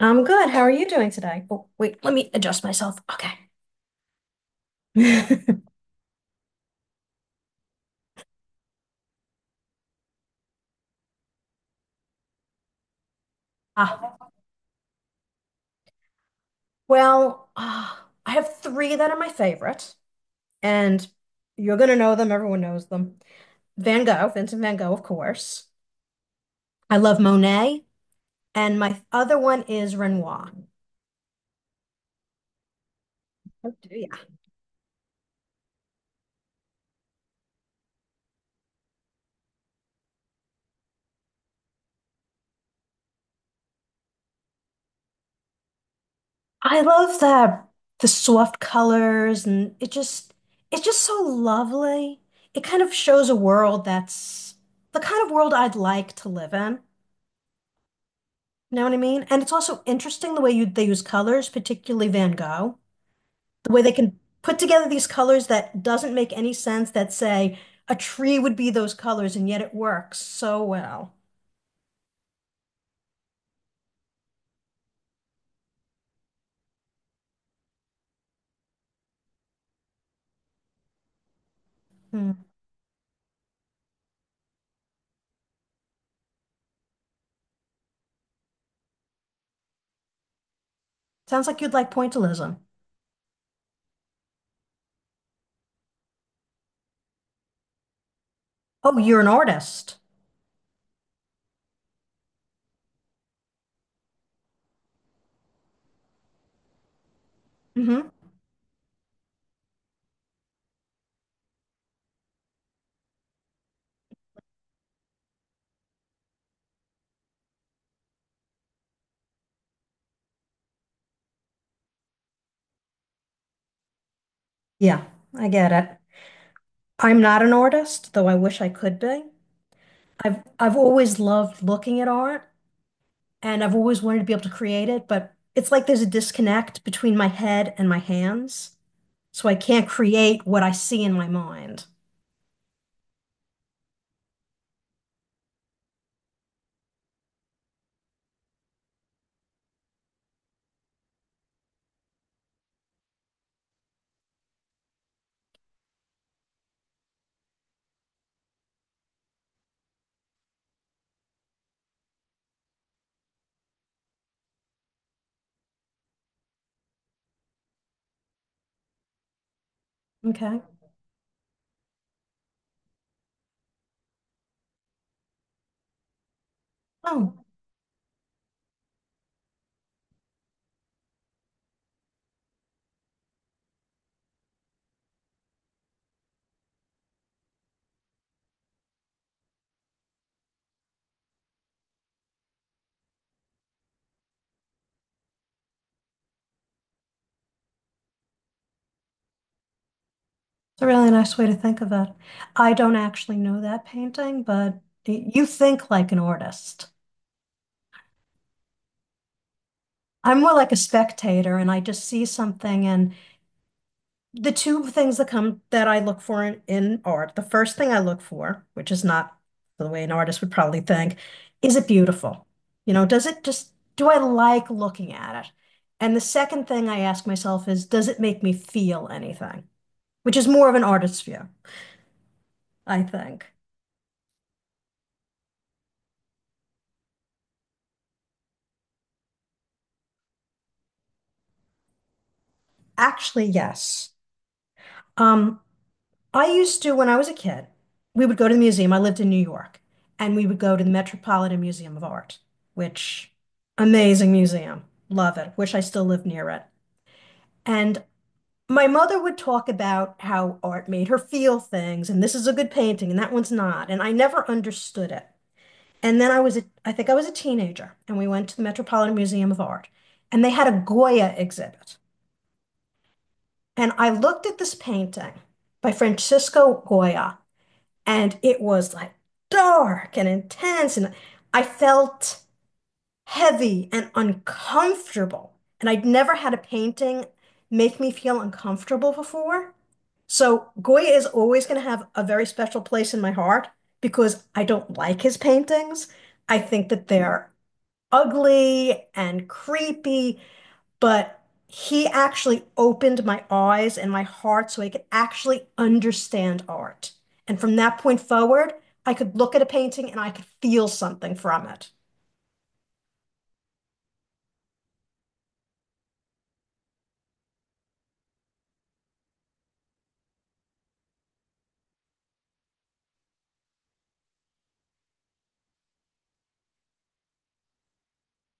I'm good. How are you doing today? Oh, wait, let me adjust myself. Okay. Ah, well, I have three that are my favorite, and you're gonna know them. Everyone knows them. Van Gogh, Vincent Van Gogh, of course. I love Monet, and my other one is Renoir. Oh, do ya? I love the soft colors, and it just it's just so lovely. It kind of shows a world that's the kind of world I'd like to live in. Know what I mean? And it's also interesting the way you they use colors, particularly Van Gogh, the way they can put together these colors that doesn't make any sense that say a tree would be those colors, and yet it works so well. Hmm. Sounds like you'd like pointillism. Oh, you're an artist. Hmm. Yeah, I get it. I'm not an artist, though I wish I could be. I've always loved looking at art and I've always wanted to be able to create it, but it's like there's a disconnect between my head and my hands. So I can't create what I see in my mind. Okay. Oh, it's a really nice way to think of it. I don't actually know that painting, but you think like an artist. I'm more like a spectator and I just see something, and the two things that come that I look for in art, the first thing I look for, which is not the way an artist would probably think, is it beautiful? You know, does it just, do I like looking at it? And the second thing I ask myself is, does it make me feel anything? Which is more of an artist's view, I think. Actually, yes. Um, I used to, when I was a kid, we would go to the museum. I lived in New York, and we would go to the Metropolitan Museum of Art, which amazing museum. Love it. Wish I still lived near it. And my mother would talk about how art made her feel things, and this is a good painting, and that one's not. And I never understood it. And then I was, I think I was a teenager, and we went to the Metropolitan Museum of Art, and they had a Goya exhibit. And I looked at this painting by Francisco Goya, and it was like dark and intense. And I felt heavy and uncomfortable. And I'd never had a painting make me feel uncomfortable before. So Goya is always going to have a very special place in my heart because I don't like his paintings. I think that they're ugly and creepy, but he actually opened my eyes and my heart so I could actually understand art. And from that point forward, I could look at a painting and I could feel something from it.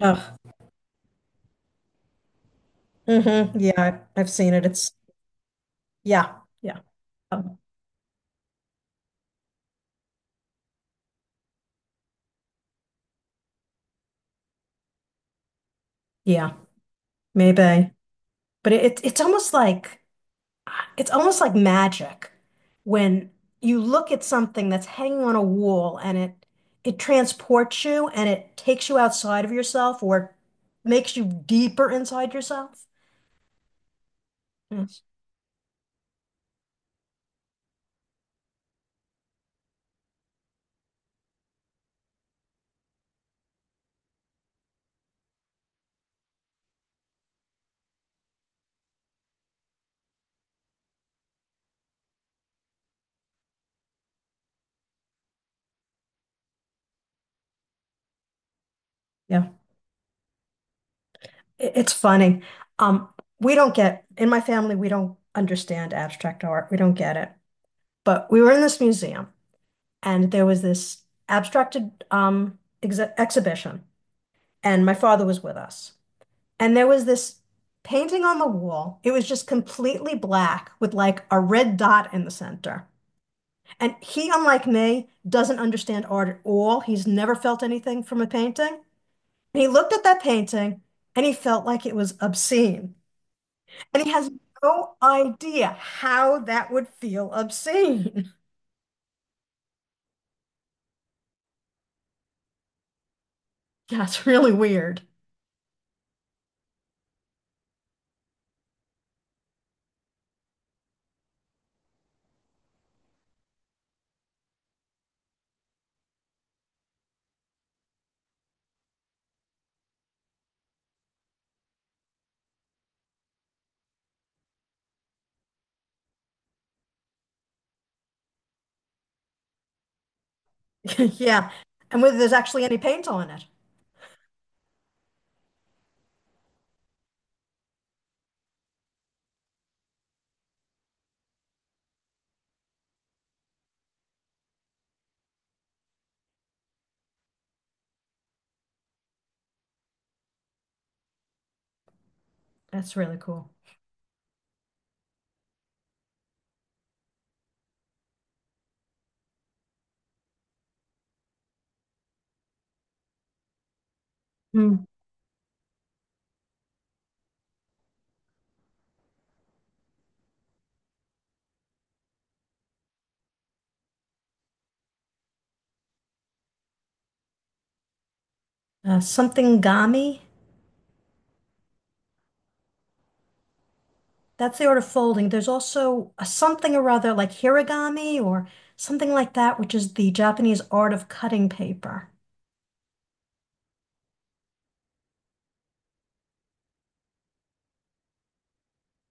Oh, hmm. Yeah, I've seen it. It's yeah, yeah, um, yeah, maybe. But it's almost like it's almost like magic when you look at something that's hanging on a wall and it transports you and it takes you outside of yourself or makes you deeper inside yourself. Yes. Yeah. It's funny. Um, we don't get, in my family, we don't understand abstract art. We don't get it. But we were in this museum and there was this abstracted ex exhibition and my father was with us. And there was this painting on the wall. It was just completely black with like a red dot in the center. And he, unlike me, doesn't understand art at all. He's never felt anything from a painting. And he looked at that painting and he felt like it was obscene. And he has no idea how that would feel obscene. Yeah, it's really weird. Yeah. And whether there's actually any paint on it. That's really cool. Hmm. Something gami. That's the art of folding. There's also a something or other like hiragami or something like that, which is the Japanese art of cutting paper.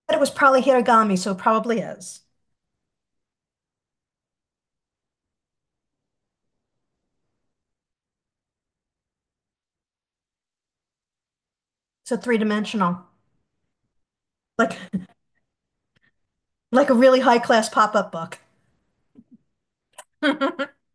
But it was probably hiragami, so it probably is. So three-dimensional, like like a really high-class pop-up book.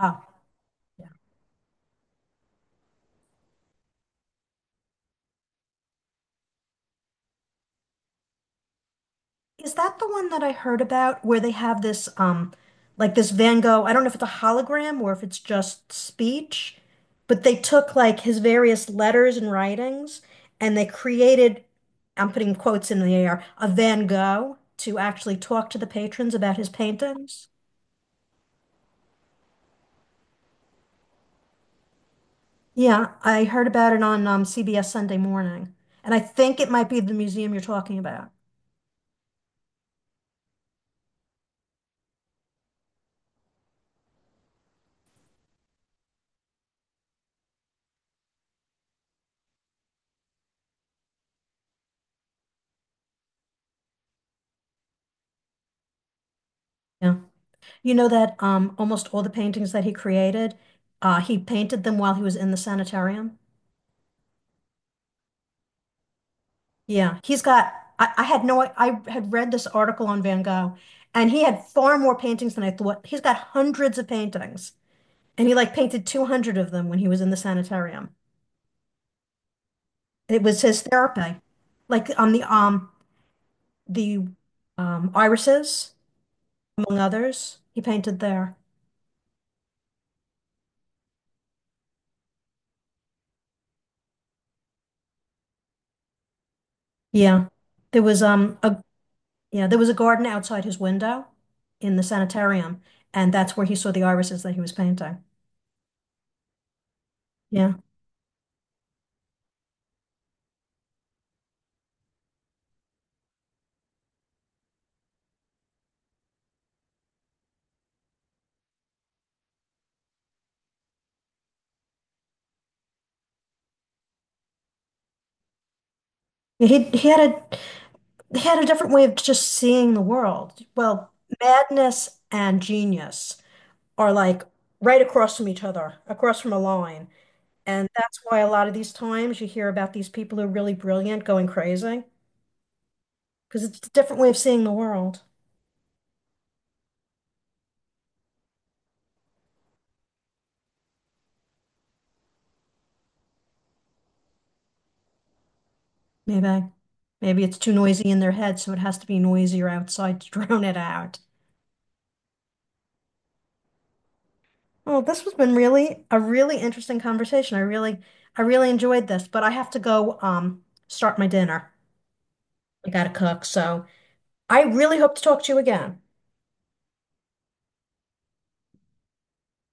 Oh, yeah. Is that the one that I heard about where they have this like this Van Gogh, I don't know if it's a hologram or if it's just speech, but they took like his various letters and writings and they created, I'm putting quotes in the air, a Van Gogh to actually talk to the patrons about his paintings. Yeah, I heard about it on CBS Sunday Morning, and I think it might be the museum you're talking about. Yeah. You know that almost all the paintings that he created, he painted them while he was in the sanitarium. Yeah, he's got. I had no. I had read this article on Van Gogh, and he had far more paintings than I thought. He's got hundreds of paintings, and he like painted 200 of them when he was in the sanitarium. It was his therapy, like on the the irises, among others. He painted there. Yeah, there was a Yeah, there was a garden outside his window in the sanitarium, and that's where he saw the irises that he was painting. Yeah. Yeah, he had a different way of just seeing the world. Well, madness and genius are like right across from each other, across from a line. And that's why a lot of these times you hear about these people who are really brilliant going crazy, because it's a different way of seeing the world. Maybe. Maybe it's too noisy in their head, so it has to be noisier outside to drown it out. Well, this has been really a really interesting conversation. I really enjoyed this, but I have to go start my dinner. I gotta cook, so I really hope to talk to you again.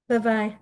Bye bye.